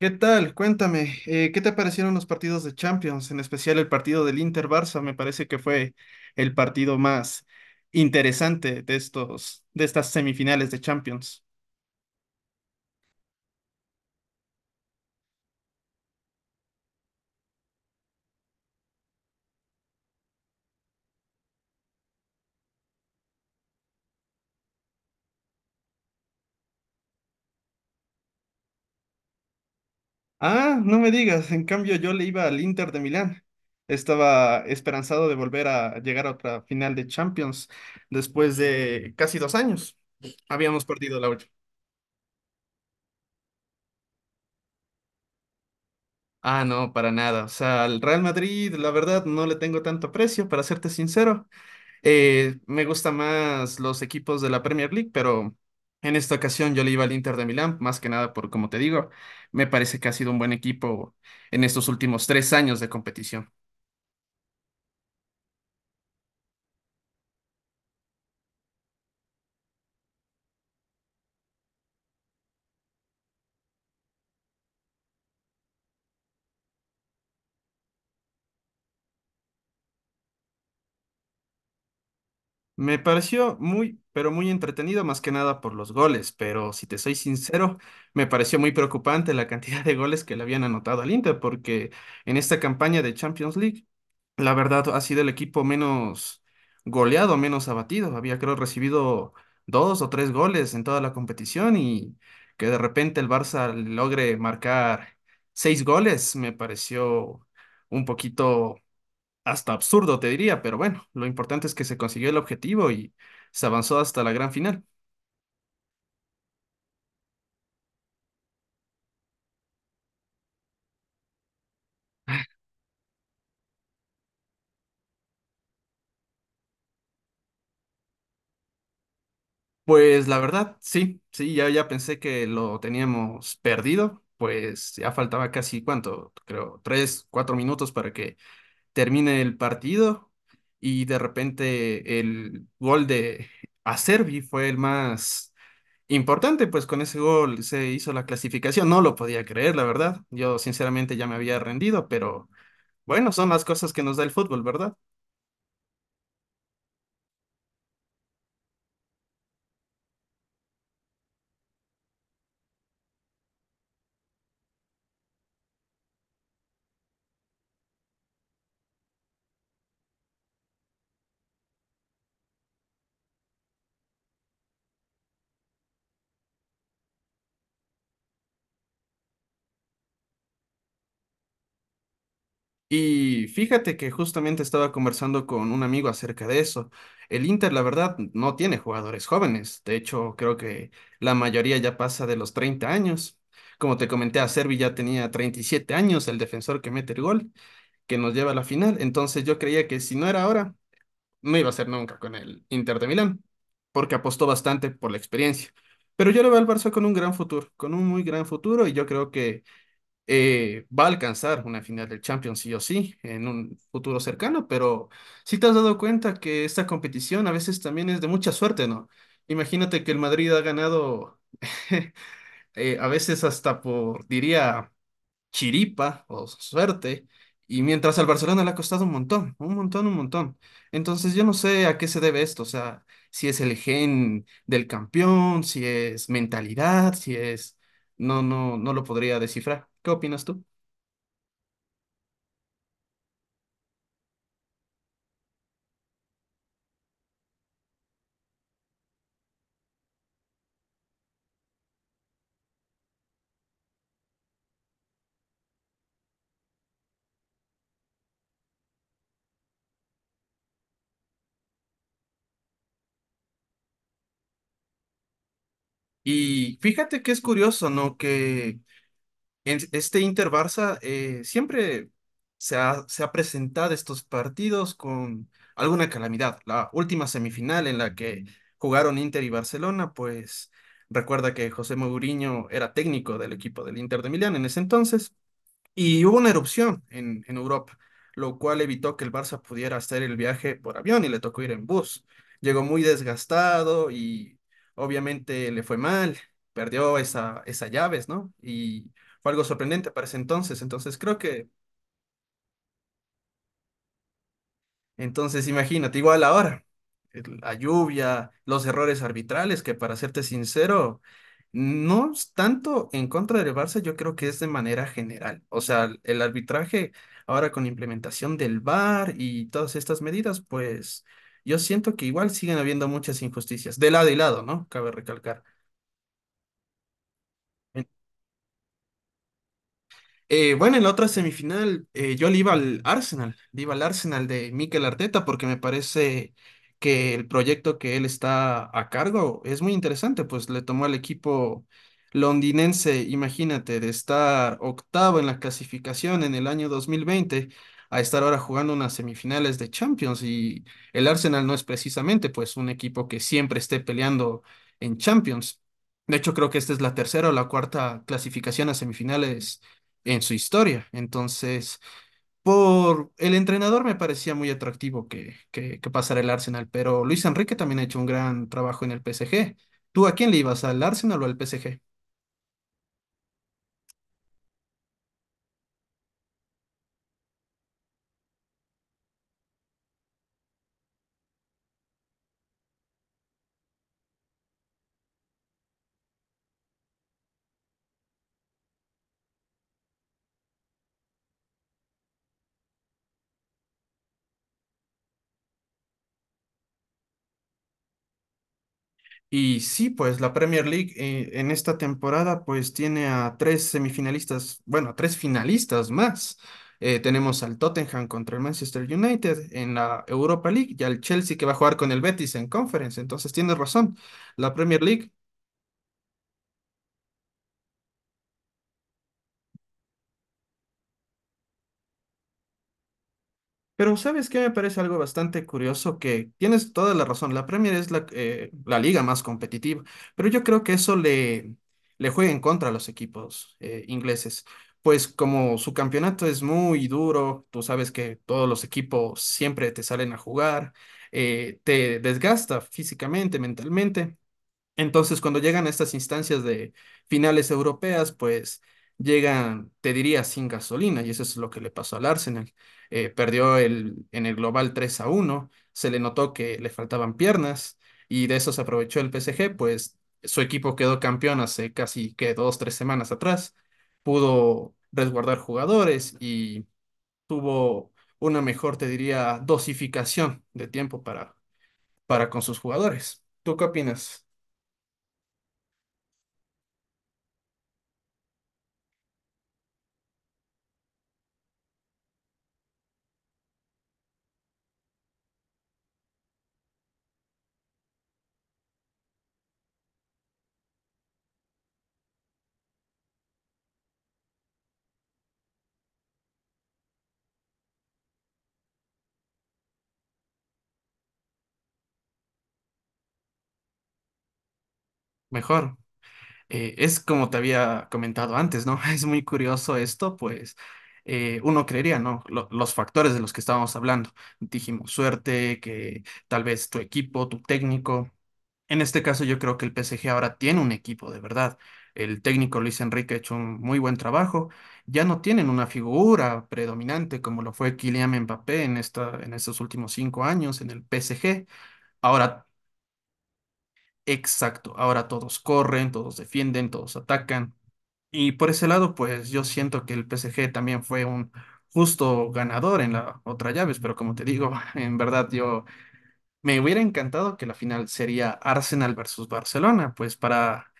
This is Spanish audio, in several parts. ¿Qué tal? Cuéntame, ¿qué te parecieron los partidos de Champions, en especial el partido del Inter-Barça? Me parece que fue el partido más interesante de estas semifinales de Champions. Ah, no me digas, en cambio yo le iba al Inter de Milán. Estaba esperanzado de volver a llegar a otra final de Champions después de casi 2 años. Habíamos perdido la última. Ah, no, para nada. O sea, al Real Madrid, la verdad, no le tengo tanto aprecio, para serte sincero. Me gustan más los equipos de la Premier League, pero en esta ocasión yo le iba al Inter de Milán, más que nada por, como te digo, me parece que ha sido un buen equipo en estos últimos 3 años de competición. Me pareció muy, pero muy entretenido, más que nada por los goles, pero si te soy sincero, me pareció muy preocupante la cantidad de goles que le habían anotado al Inter, porque en esta campaña de Champions League la verdad, ha sido el equipo menos goleado, menos abatido. Había, creo, recibido dos o tres goles en toda la competición y que de repente el Barça logre marcar seis goles me pareció un poquito hasta absurdo, te diría, pero bueno, lo importante es que se consiguió el objetivo y se avanzó hasta la gran final. Pues la verdad, sí, sí, ya, ya pensé que lo teníamos perdido, pues ya faltaba casi, ¿cuánto? Creo, 3, 4 minutos para que termina el partido y de repente el gol de Acerbi fue el más importante, pues con ese gol se hizo la clasificación. No lo podía creer, la verdad. Yo sinceramente ya me había rendido, pero bueno, son las cosas que nos da el fútbol, ¿verdad? Y fíjate que justamente estaba conversando con un amigo acerca de eso. El Inter, la verdad, no tiene jugadores jóvenes. De hecho, creo que la mayoría ya pasa de los 30 años. Como te comenté, a Servi ya tenía 37 años, el defensor que mete el gol, que nos lleva a la final. Entonces yo creía que si no era ahora, no iba a ser nunca con el Inter de Milán, porque apostó bastante por la experiencia. Pero yo le veo al Barça con un gran futuro, con un muy gran futuro, y yo creo que va a alcanzar una final del Champions sí o sí en un futuro cercano, pero si te has dado cuenta que esta competición a veces también es de mucha suerte, ¿no? Imagínate que el Madrid ha ganado a veces hasta por, diría, chiripa o suerte, y mientras al Barcelona le ha costado un montón, un montón, un montón. Entonces yo no sé a qué se debe esto, o sea, si es el gen del campeón, si es mentalidad, si es... No, no, no lo podría descifrar. ¿Qué opinas tú? Y fíjate que es curioso, ¿no? Que en este Inter Barça siempre se ha presentado estos partidos con alguna calamidad. La última semifinal en la que jugaron Inter y Barcelona, pues recuerda que José Mourinho era técnico del equipo del Inter de Milán en ese entonces. Y hubo una erupción en Europa, lo cual evitó que el Barça pudiera hacer el viaje por avión y le tocó ir en bus. Llegó muy desgastado y obviamente le fue mal, perdió esa, esas llaves, ¿no? Y fue algo sorprendente para ese entonces. Entonces creo que. Entonces, imagínate, igual ahora, la lluvia, los errores arbitrales, que para serte sincero, no es tanto en contra del Barça, yo creo que es de manera general. O sea, el arbitraje ahora con la implementación del VAR y todas estas medidas, pues yo siento que igual siguen habiendo muchas injusticias, de lado y lado, ¿no? Cabe recalcar. Bueno, en la otra semifinal yo le iba al Arsenal, le iba al Arsenal de Mikel Arteta porque me parece que el proyecto que él está a cargo es muy interesante, pues le tomó al equipo londinense, imagínate, de estar octavo en la clasificación en el año 2020 a estar ahora jugando unas semifinales de Champions y el Arsenal no es precisamente pues un equipo que siempre esté peleando en Champions. De hecho, creo que esta es la tercera o la cuarta clasificación a semifinales en su historia. Entonces, por el entrenador me parecía muy atractivo que pasara el Arsenal, pero Luis Enrique también ha hecho un gran trabajo en el PSG. ¿Tú a quién le ibas, al Arsenal o al PSG? Y sí, pues la Premier League en esta temporada pues tiene a tres semifinalistas, bueno, a tres finalistas más. Tenemos al Tottenham contra el Manchester United en la Europa League y al Chelsea que va a jugar con el Betis en Conference. Entonces tienes razón, la Premier League. Pero ¿sabes qué? Me parece algo bastante curioso que tienes toda la razón. La Premier es la, la liga más competitiva, pero yo creo que eso le, le juega en contra a los equipos ingleses. Pues como su campeonato es muy duro, tú sabes que todos los equipos siempre te salen a jugar, te desgasta físicamente, mentalmente. Entonces, cuando llegan a estas instancias de finales europeas, pues llegan, te diría, sin gasolina, y eso es lo que le pasó al Arsenal. Perdió en el global 3-1. Se le notó que le faltaban piernas, y de eso se aprovechó el PSG, pues su equipo quedó campeón hace casi que 2, 3 semanas atrás, pudo resguardar jugadores y tuvo una mejor, te diría, dosificación de tiempo para con sus jugadores. ¿Tú qué opinas? Mejor. Es como te había comentado antes, ¿no? Es muy curioso esto, pues uno creería, ¿no? Los factores de los que estábamos hablando. Dijimos suerte, que tal vez tu equipo, tu técnico. En este caso yo creo que el PSG ahora tiene un equipo, de verdad. El técnico Luis Enrique ha hecho un muy buen trabajo. Ya no tienen una figura predominante como lo fue Kylian Mbappé en esta, en estos últimos 5 años en el PSG. Ahora, exacto, ahora todos corren, todos defienden, todos atacan. Y por ese lado, pues yo siento que el PSG también fue un justo ganador en la otra llaves, pero como te digo, en verdad yo me hubiera encantado que la final sería Arsenal versus Barcelona, pues para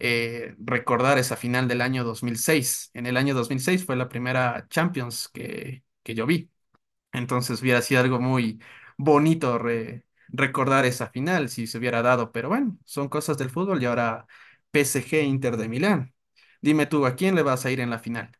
recordar esa final del año 2006. En el año 2006 fue la primera Champions que yo vi. Entonces hubiera sido algo muy bonito recordar esa final si se hubiera dado, pero bueno, son cosas del fútbol y ahora PSG Inter de Milán. Dime tú, ¿a quién le vas a ir en la final?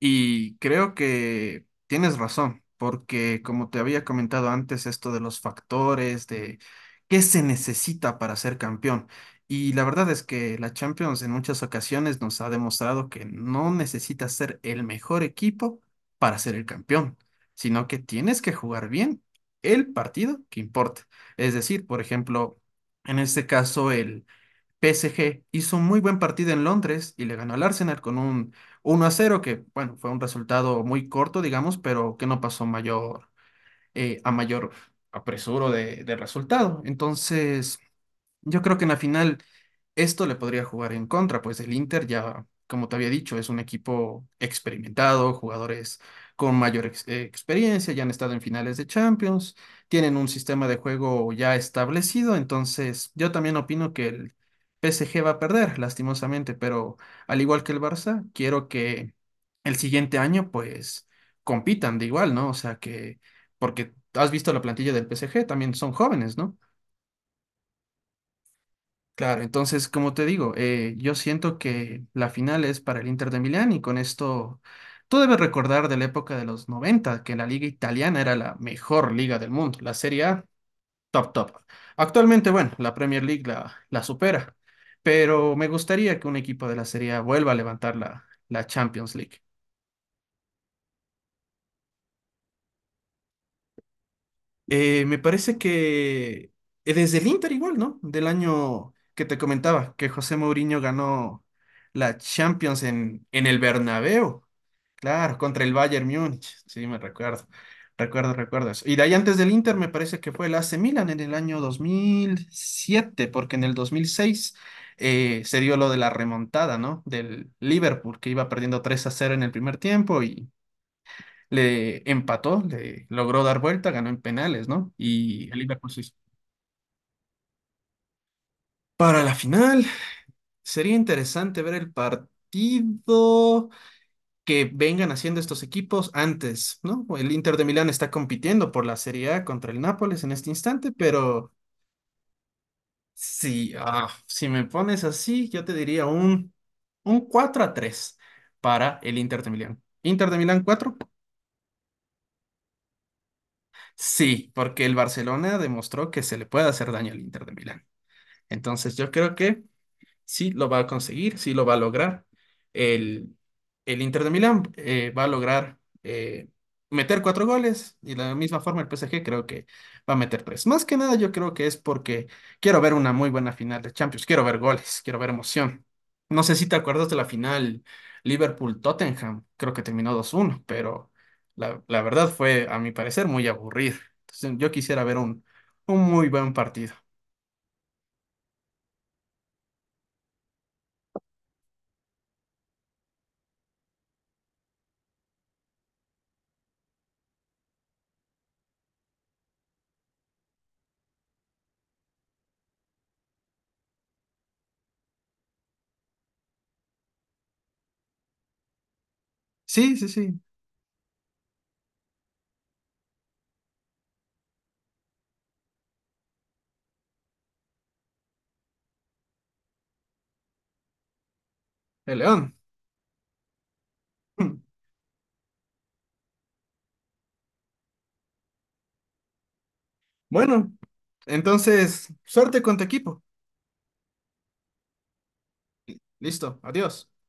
Y creo que tienes razón, porque como te había comentado antes, esto de los factores, de qué se necesita para ser campeón. Y la verdad es que la Champions en muchas ocasiones nos ha demostrado que no necesitas ser el mejor equipo para ser el campeón, sino que tienes que jugar bien el partido que importa. Es decir, por ejemplo, en este caso, el PSG hizo un muy buen partido en Londres y le ganó al Arsenal con un 1-0, que bueno, fue un resultado muy corto, digamos, pero que no pasó mayor, a mayor apresuro de resultado. Entonces, yo creo que en la final esto le podría jugar en contra, pues el Inter ya, como te había dicho, es un equipo experimentado, jugadores con mayor experiencia, ya han estado en finales de Champions, tienen un sistema de juego ya establecido, entonces yo también opino que el PSG va a perder, lastimosamente, pero al igual que el Barça, quiero que el siguiente año pues compitan de igual, ¿no? O sea que, porque has visto la plantilla del PSG, también son jóvenes, ¿no? Claro, entonces, como te digo, yo siento que la final es para el Inter de Milán y con esto tú debes recordar de la época de los 90 que la liga italiana era la mejor liga del mundo, la Serie A, top, top. Actualmente, bueno, la Premier League la supera, pero me gustaría que un equipo de la Serie A vuelva a levantar la Champions League. Me parece que desde el Inter igual, ¿no? Del año que te comentaba, que José Mourinho ganó la Champions en el Bernabéu. Claro, contra el Bayern Múnich. Sí, me recuerdo. Recuerdo, recuerdo eso. Y de ahí antes del Inter me parece que fue el AC Milan en el año 2007, porque en el 2006 se dio lo de la remontada, ¿no? Del Liverpool, que iba perdiendo 3-0 en el primer tiempo y le empató, le logró dar vuelta, ganó en penales, ¿no? Y el Liverpool se hizo. Para la final, sería interesante ver el partido que vengan haciendo estos equipos antes, ¿no? El Inter de Milán está compitiendo por la Serie A contra el Nápoles en este instante, pero si, si me pones así, yo te diría un, 4-3 para el Inter de Milán. ¿Inter de Milán cuatro? Sí, porque el Barcelona demostró que se le puede hacer daño al Inter de Milán. Entonces yo creo que sí lo va a conseguir, sí lo va a lograr. El, el Inter de Milán va a lograr eh, meter cuatro goles y de la misma forma el PSG creo que va a meter tres. Más que nada yo creo que es porque quiero ver una muy buena final de Champions, quiero ver goles, quiero ver emoción. No sé si te acuerdas de la final Liverpool-Tottenham, creo que terminó 2-1, pero la verdad fue, a mi parecer, muy aburrida. Entonces yo quisiera ver un, muy buen partido. Sí, sí, sí, el León. Bueno, entonces, suerte con tu equipo. Listo, adiós.